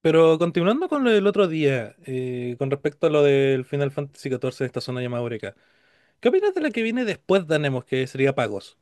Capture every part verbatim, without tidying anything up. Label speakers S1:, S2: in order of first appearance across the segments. S1: Pero continuando con lo del otro día, eh, con respecto a lo del Final Fantasy catorce de esta zona llamada Eureka, ¿qué opinas de la que viene después de Anemos, que sería Pagos?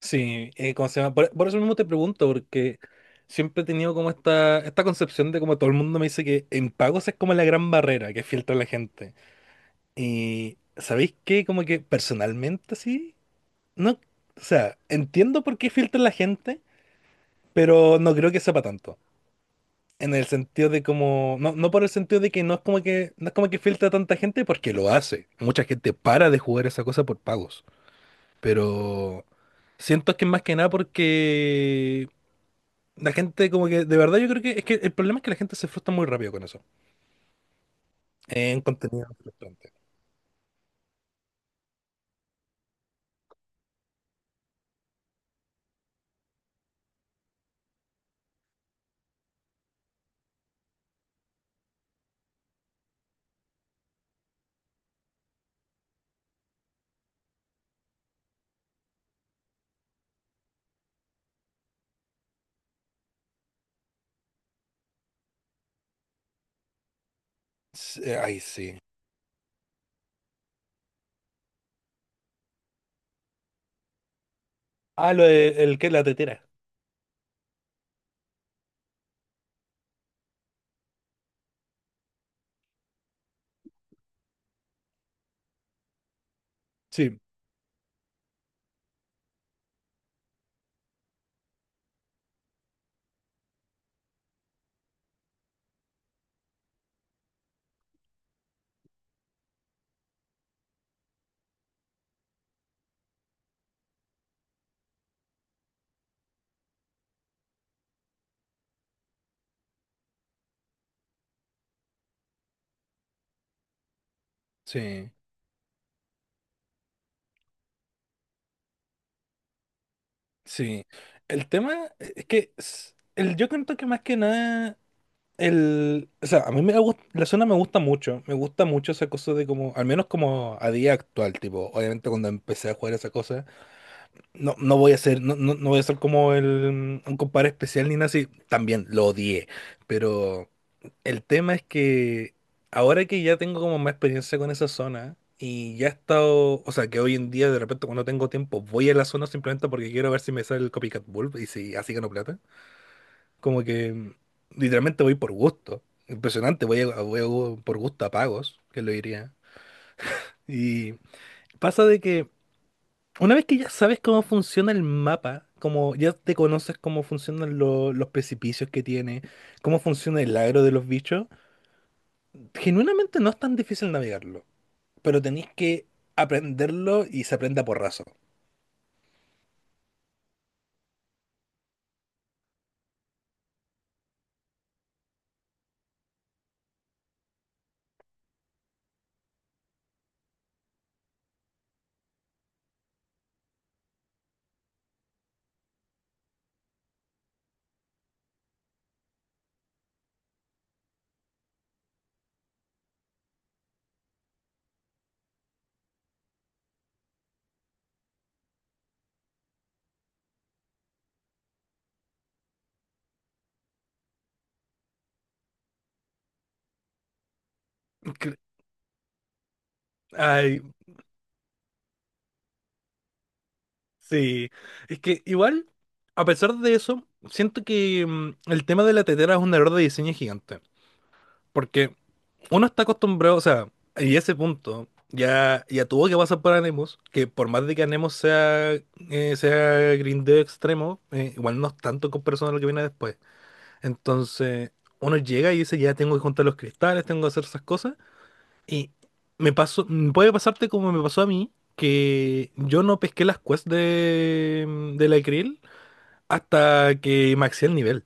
S1: Sí, eh, ¿cómo se llama? Por, por eso mismo te pregunto, porque siempre he tenido como esta, esta concepción de como todo el mundo me dice que en Pagos es como la gran barrera que filtra la gente. Y, ¿sabéis qué? Como que personalmente sí, no, o sea, entiendo por qué filtra la gente, pero no creo que sepa tanto. En el sentido de como, no, no por el sentido de que no es como que, no es como que filtra tanta gente porque lo hace. Mucha gente para de jugar esa cosa por pagos. Pero siento que es más que nada porque la gente como que, de verdad yo creo que es que el problema es que la gente se frustra muy rápido con eso. En contenido frustrante. S- eh, Ay, sí. Ah, lo de- el que la tetera. Sí, sí, sí. El tema eh, es que s- el, yo creo que más que nada el, o sea, a mí me gusta, la zona me gusta mucho, me gusta mucho esa cosa de como, al menos como a día actual, tipo, obviamente cuando empecé a jugar esa cosa, no, no voy a ser, no, no, no voy a ser como el, un compadre especial ni nada así, también lo odié, pero el tema es que ahora que ya tengo como más experiencia con esa zona y ya he estado, o sea, que hoy en día de repente cuando tengo tiempo voy a la zona simplemente porque quiero ver si me sale el copycat bulb y si así gano plata. Como que mm, literalmente voy por gusto. Impresionante, voy, a- voy a- por gusto a pagos, que lo diría. Y pasa de que una vez que ya sabes cómo funciona el mapa, como ya te conoces cómo funcionan lo- los precipicios que tiene, cómo funciona el agro de los bichos, genuinamente no es tan difícil navegarlo, pero tenéis que aprenderlo y se aprende a porrazo. Cre- Ay, sí. Es que igual, a pesar de eso, siento que mm, el tema de la tetera es un error de diseño gigante. Porque uno está acostumbrado, o sea, y ese punto ya, ya tuvo que pasar por Anemos, que por más de que Anemos sea, eh, sea grindeo extremo, eh, igual no es tanto con personas lo que viene después. Entonces, uno llega y dice, ya tengo que juntar los cristales, tengo que hacer esas cosas. Y me pasó, mm, puede pasarte como me pasó a mí, que yo no pesqué las quests de, de la Krill hasta que maxé el nivel.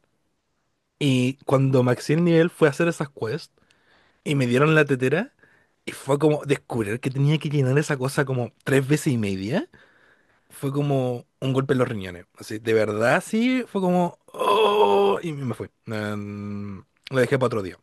S1: Y cuando maxé el nivel fue a hacer esas quests y me dieron la tetera. Y fue como descubrir que tenía que llenar esa cosa como tres veces y media. Fue como un golpe en los riñones. Así, de verdad, sí, fue como... "Oh", y me fui. Mm, lo dejé para otro día.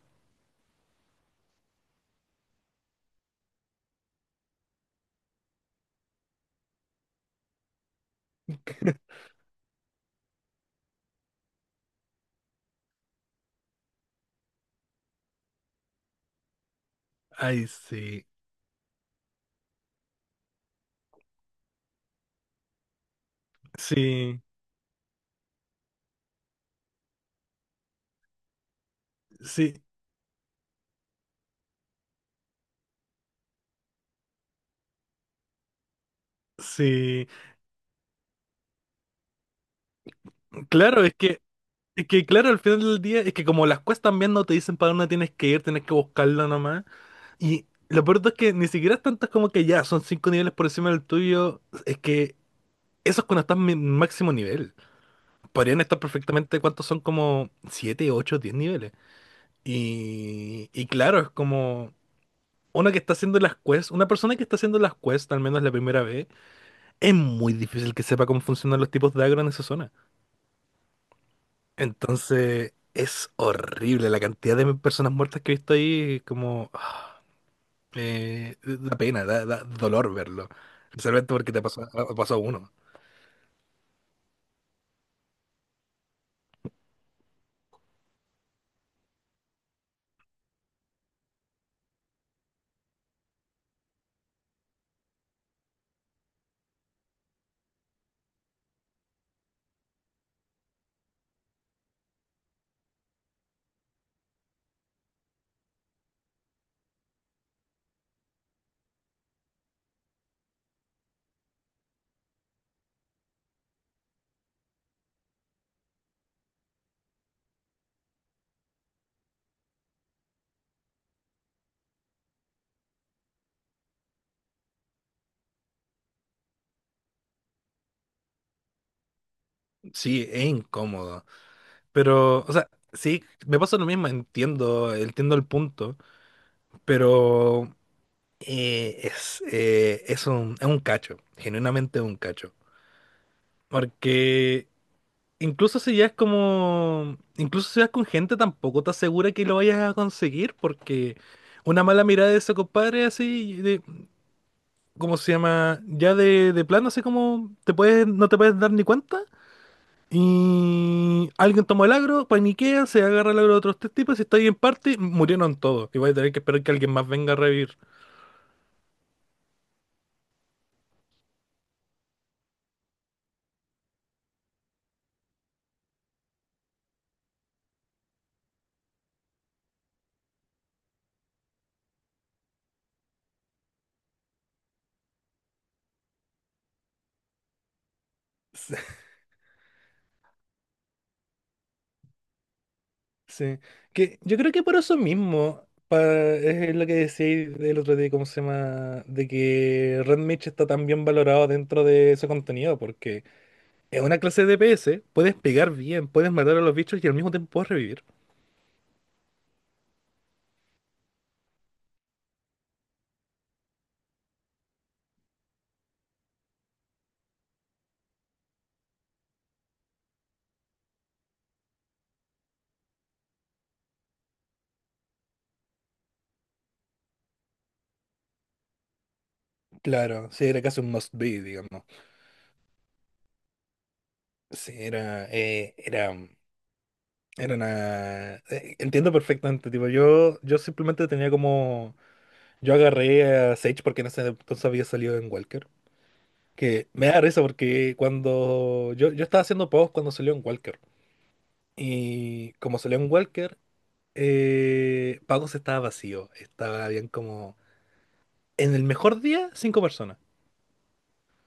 S1: Ay, sí, sí, sí, sí. Claro, es que, es que claro, al final del día, es que como las cuestas también no te dicen para dónde tienes que ir, tienes que buscarlo nomás. Y lo peor es que ni siquiera es tanto como que ya son cinco niveles por encima del tuyo, es que eso es cuando estás en mi máximo nivel. Podrían estar perfectamente cuántos son como siete ocho diez niveles. Y, y claro, es como una que está haciendo las quests, una persona que está haciendo las quests, al menos la primera vez, es muy difícil que sepa cómo funcionan los tipos de agro en esa zona. Entonces, es horrible la cantidad de personas muertas que he visto ahí, como ah, eh, da pena, da, da dolor verlo. Especialmente porque te pasó, ha pasado uno. Sí, es incómodo. Pero, o sea, sí, me pasa lo mismo, entiendo, entiendo el punto. Pero eh, es, eh, es un, es un cacho, genuinamente un cacho. Porque incluso si ya es como, incluso si vas con gente, tampoco te asegura que lo vayas a conseguir, porque una mala mirada de ese compadre así, de, ¿cómo se llama? Ya de, de plano, así como te puedes, no te puedes dar ni cuenta. Y alguien tomó el agro, paniquea, se agarra el agro de otros tres tipos y está ahí en parte, murieron todos. Y voy a tener que esperar que alguien más venga a revivir. Sí, que yo creo que por eso mismo, pa- es lo que decíais del otro día, ¿cómo se llama? De que Red Mitch está tan bien valorado dentro de ese contenido, porque es una clase de D P S, puedes pegar bien, puedes matar a los bichos y al mismo tiempo puedes revivir. Claro, sí, era casi un must be, digamos. Sí, era, eh, era, era una... eh, entiendo perfectamente, tipo, yo, yo simplemente tenía como... Yo agarré a Sage porque en ese entonces había salido en Walker. Que me da risa porque cuando yo, yo estaba haciendo pagos cuando salió en Walker. Y como salió en Walker, eh, pagos estaba vacío. Estaba bien como... En el mejor día, cinco personas.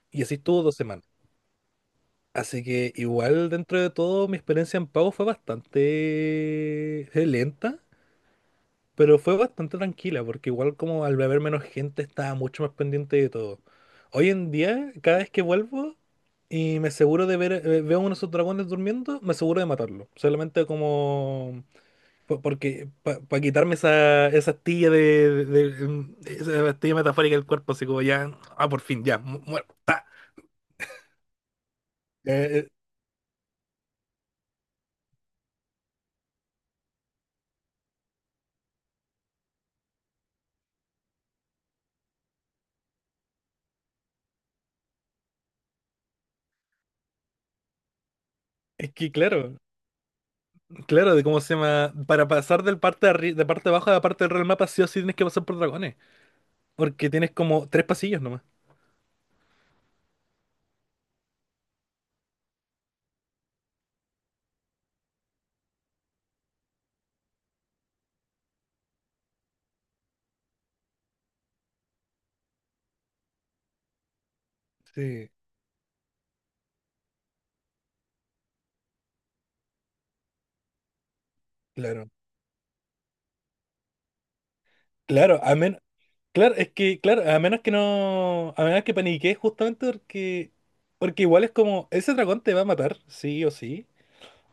S1: Y así estuvo dos semanas. Así que igual dentro de todo mi experiencia en pagos fue bastante eh, lenta. Pero fue bastante tranquila, porque igual como al beber menos gente estaba mucho más pendiente de todo. Hoy en día, cada vez que vuelvo y me aseguro de ver, eh, veo uno de esos dragones durmiendo, me aseguro de matarlo. Solamente como... po- Porque para quitarme esa, esa astilla de, de- de- em, esa astilla metafórica del cuerpo, así como ya... Ah, por fin, ya, mu- muerto. Ta. Eh, eh, es que claro, claro, de cómo se llama... Para pasar del parte de, arri- de parte de abajo a la parte del real mapa, sí o sí tienes que pasar por dragones. Porque tienes como tres pasillos nomás. Sí, claro. Claro, a menos, claro, es que, claro, a menos que no, a menos que paniquees justamente porque, porque igual es como, ese dragón te va a matar, sí o sí,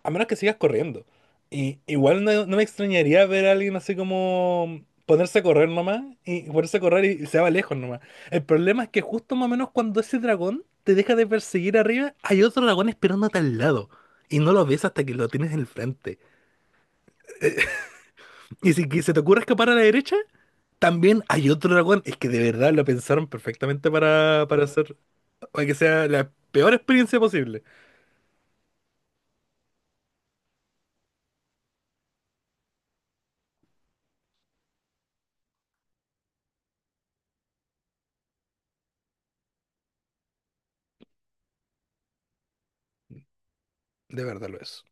S1: a menos que sigas corriendo. Y igual no, no me extrañaría ver a alguien así como ponerse a correr nomás, y ponerse a correr y, y se va lejos nomás. El problema es que justo más o menos cuando ese dragón te deja de perseguir arriba, hay otro dragón esperándote al lado. Y no lo ves hasta que lo tienes en el frente. Y si que se te ocurre escapar a la derecha, también hay otro dragón, es que de verdad lo pensaron perfectamente para, para hacer, para que sea la peor experiencia posible. De verdad lo es.